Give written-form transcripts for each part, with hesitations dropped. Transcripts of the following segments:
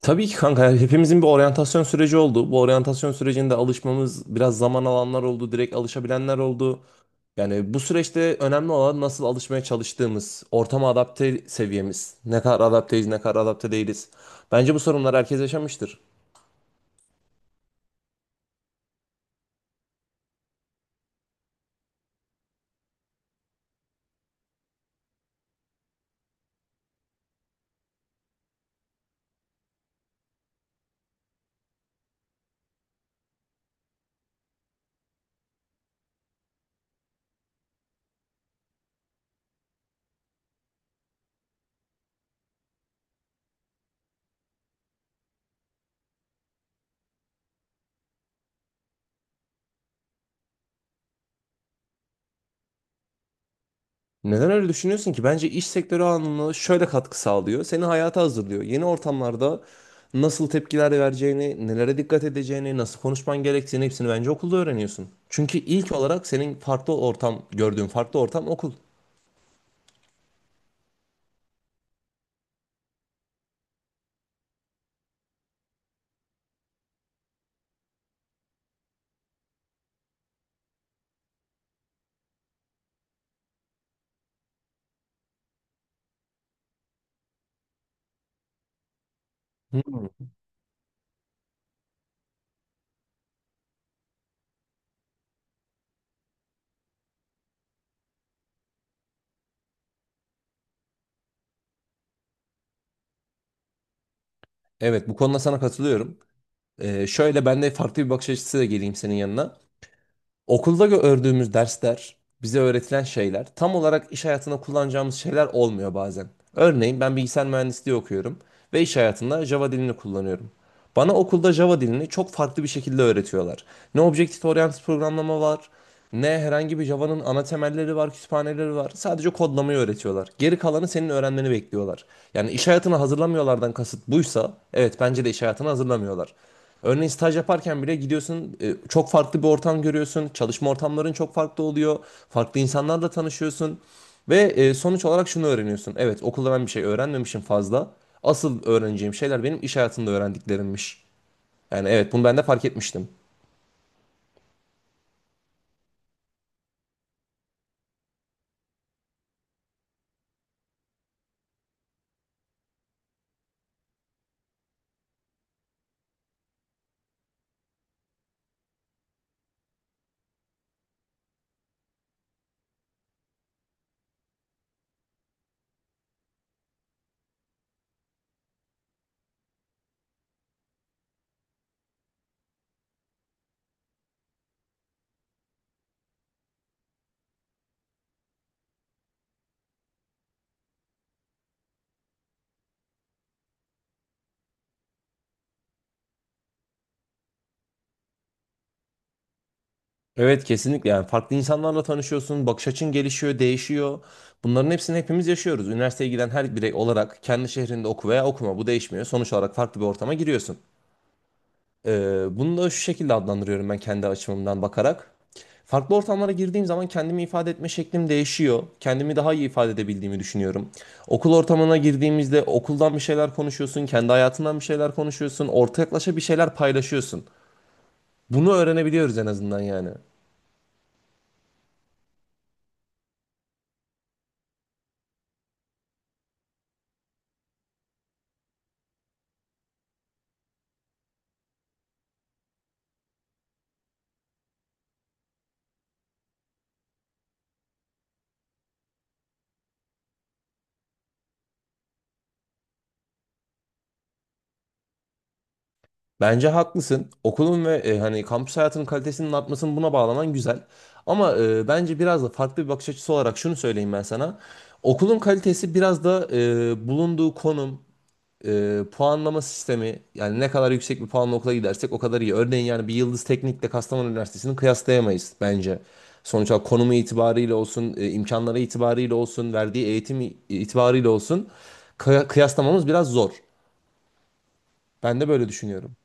Tabii ki kanka hepimizin bir oryantasyon süreci oldu. Bu oryantasyon sürecinde alışmamız biraz zaman alanlar oldu, direkt alışabilenler oldu. Yani bu süreçte önemli olan nasıl alışmaya çalıştığımız, ortama adapte seviyemiz, ne kadar adapteyiz, ne kadar adapte değiliz. Bence bu sorunlar herkes yaşamıştır. Neden öyle düşünüyorsun ki? Bence iş sektörü anlamında şöyle katkı sağlıyor. Seni hayata hazırlıyor. Yeni ortamlarda nasıl tepkiler vereceğini, nelere dikkat edeceğini, nasıl konuşman gerektiğini hepsini bence okulda öğreniyorsun. Çünkü ilk olarak senin farklı ortam, gördüğün farklı ortam okul. Hı. Evet, bu konuda sana katılıyorum. Şöyle ben de farklı bir bakış açısı geleyim senin yanına. Okulda gördüğümüz dersler, bize öğretilen şeyler tam olarak iş hayatında kullanacağımız şeyler olmuyor bazen. Örneğin ben bilgisayar mühendisliği okuyorum ve iş hayatında Java dilini kullanıyorum. Bana okulda Java dilini çok farklı bir şekilde öğretiyorlar. Ne Objective Oriented programlama var, ne herhangi bir Java'nın ana temelleri var, kütüphaneleri var. Sadece kodlamayı öğretiyorlar. Geri kalanı senin öğrenmeni bekliyorlar. Yani iş hayatına hazırlamıyorlardan kasıt buysa, evet bence de iş hayatına hazırlamıyorlar. Örneğin staj yaparken bile gidiyorsun, çok farklı bir ortam görüyorsun. Çalışma ortamların çok farklı oluyor. Farklı insanlarla tanışıyorsun. Ve sonuç olarak şunu öğreniyorsun. Evet, okulda ben bir şey öğrenmemişim fazla. Asıl öğreneceğim şeyler benim iş hayatında öğrendiklerimmiş. Yani evet, bunu ben de fark etmiştim. Evet, kesinlikle. Yani farklı insanlarla tanışıyorsun, bakış açın gelişiyor, değişiyor. Bunların hepsini hepimiz yaşıyoruz. Üniversiteye giden her birey olarak kendi şehrinde oku veya okuma bu değişmiyor. Sonuç olarak farklı bir ortama giriyorsun. Bunu da şu şekilde adlandırıyorum ben kendi açımdan bakarak. Farklı ortamlara girdiğim zaman kendimi ifade etme şeklim değişiyor. Kendimi daha iyi ifade edebildiğimi düşünüyorum. Okul ortamına girdiğimizde okuldan bir şeyler konuşuyorsun, kendi hayatından bir şeyler konuşuyorsun, ortaklaşa bir şeyler paylaşıyorsun. Bunu öğrenebiliyoruz en azından yani. Bence haklısın. Okulun ve hani kampüs hayatının kalitesinin artmasını buna bağlaman güzel. Ama bence biraz da farklı bir bakış açısı olarak şunu söyleyeyim ben sana. Okulun kalitesi biraz da bulunduğu konum, puanlama sistemi yani ne kadar yüksek bir puanla okula gidersek o kadar iyi. Örneğin yani bir Yıldız Teknik'le Kastamonu Üniversitesi'ni kıyaslayamayız bence. Sonuç olarak konumu itibariyle olsun, imkanları itibariyle olsun, verdiği eğitim itibariyle olsun kıyaslamamız biraz zor. Ben de böyle düşünüyorum.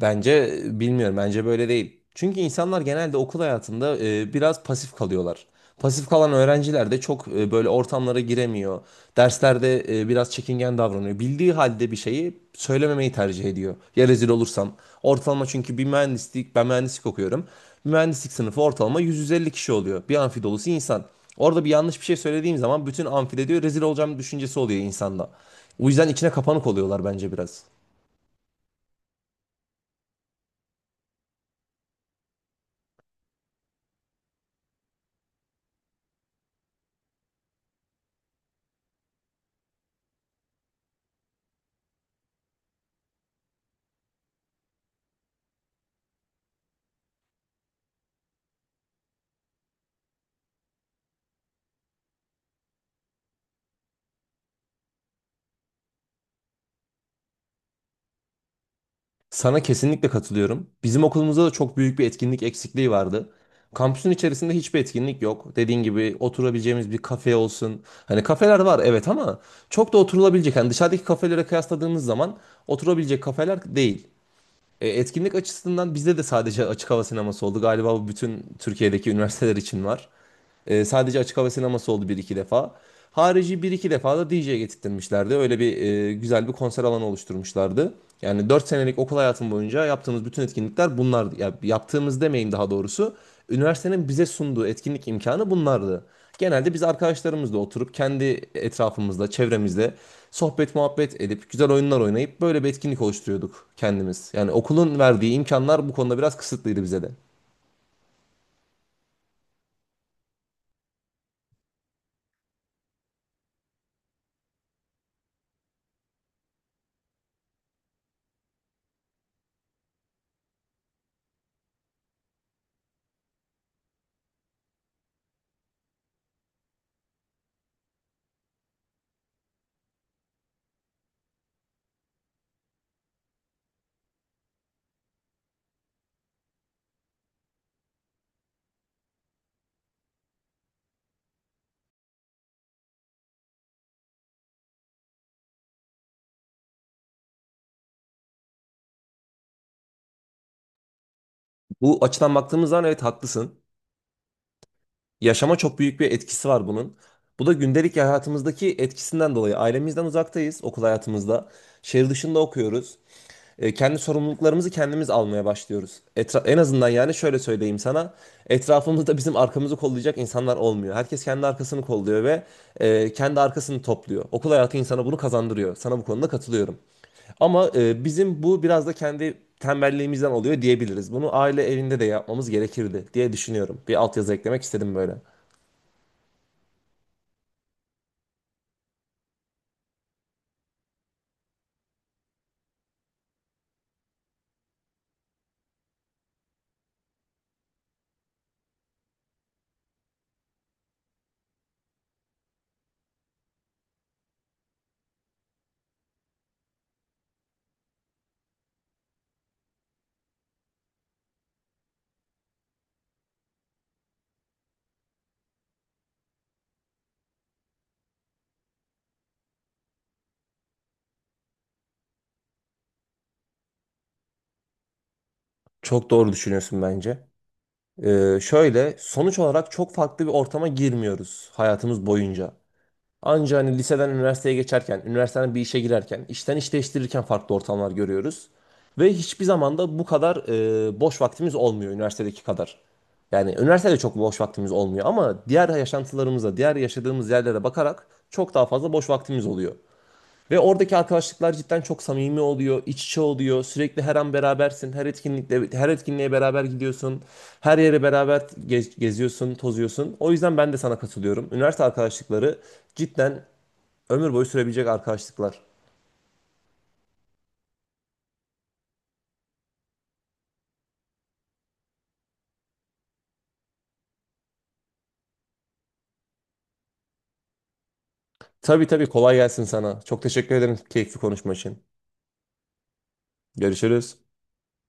Bence bilmiyorum. Bence böyle değil. Çünkü insanlar genelde okul hayatında biraz pasif kalıyorlar. Pasif kalan öğrenciler de çok böyle ortamlara giremiyor. Derslerde biraz çekingen davranıyor. Bildiği halde bir şeyi söylememeyi tercih ediyor. Ya rezil olursam. Ortalama çünkü bir mühendislik, ben mühendislik okuyorum. Bir mühendislik sınıfı ortalama 150 kişi oluyor. Bir amfi dolusu insan. Orada bir yanlış bir şey söylediğim zaman bütün amfide diyor rezil olacağım düşüncesi oluyor insanda. O yüzden içine kapanık oluyorlar bence biraz. Sana kesinlikle katılıyorum. Bizim okulumuzda da çok büyük bir etkinlik eksikliği vardı. Kampüsün içerisinde hiçbir etkinlik yok. Dediğin gibi oturabileceğimiz bir kafe olsun. Hani kafeler var evet ama çok da oturulabilecek. Hani dışarıdaki kafelere kıyasladığımız zaman oturabilecek kafeler değil. Etkinlik açısından bizde de sadece açık hava sineması oldu. Galiba bu bütün Türkiye'deki üniversiteler için var. Sadece açık hava sineması oldu bir iki defa. Harici bir iki defa da DJ getirtmişlerdi. Öyle bir güzel bir konser alanı oluşturmuşlardı. Yani 4 senelik okul hayatım boyunca yaptığımız bütün etkinlikler bunlardı. Ya, yaptığımız demeyeyim daha doğrusu. Üniversitenin bize sunduğu etkinlik imkanı bunlardı. Genelde biz arkadaşlarımızla oturup kendi etrafımızda, çevremizde sohbet muhabbet edip güzel oyunlar oynayıp böyle bir etkinlik oluşturuyorduk kendimiz. Yani okulun verdiği imkanlar bu konuda biraz kısıtlıydı bize de. Bu açıdan baktığımız zaman evet haklısın. Yaşama çok büyük bir etkisi var bunun. Bu da gündelik hayatımızdaki etkisinden dolayı. Ailemizden uzaktayız okul hayatımızda. Şehir dışında okuyoruz. Kendi sorumluluklarımızı kendimiz almaya başlıyoruz. En azından yani şöyle söyleyeyim sana. Etrafımızda bizim arkamızı kollayacak insanlar olmuyor. Herkes kendi arkasını kolluyor ve kendi arkasını topluyor. Okul hayatı insana bunu kazandırıyor. Sana bu konuda katılıyorum. Ama bizim bu biraz da kendi tembelliğimizden oluyor diyebiliriz. Bunu aile evinde de yapmamız gerekirdi diye düşünüyorum. Bir altyazı eklemek istedim böyle. Çok doğru düşünüyorsun bence. Şöyle sonuç olarak çok farklı bir ortama girmiyoruz hayatımız boyunca. Anca hani liseden üniversiteye geçerken, üniversiteden bir işe girerken, işten iş değiştirirken farklı ortamlar görüyoruz. Ve hiçbir zaman da bu kadar boş vaktimiz olmuyor üniversitedeki kadar. Yani üniversitede çok boş vaktimiz olmuyor ama diğer yaşantılarımıza, diğer yaşadığımız yerlere bakarak çok daha fazla boş vaktimiz oluyor. Ve oradaki arkadaşlıklar cidden çok samimi oluyor, iç içe oluyor. Sürekli her an berabersin, her etkinlikte, her etkinliğe beraber gidiyorsun. Her yere beraber geziyorsun, tozuyorsun. O yüzden ben de sana katılıyorum. Üniversite arkadaşlıkları cidden ömür boyu sürebilecek arkadaşlıklar. Tabii tabii kolay gelsin sana. Çok teşekkür ederim keyifli konuşma için. Görüşürüz.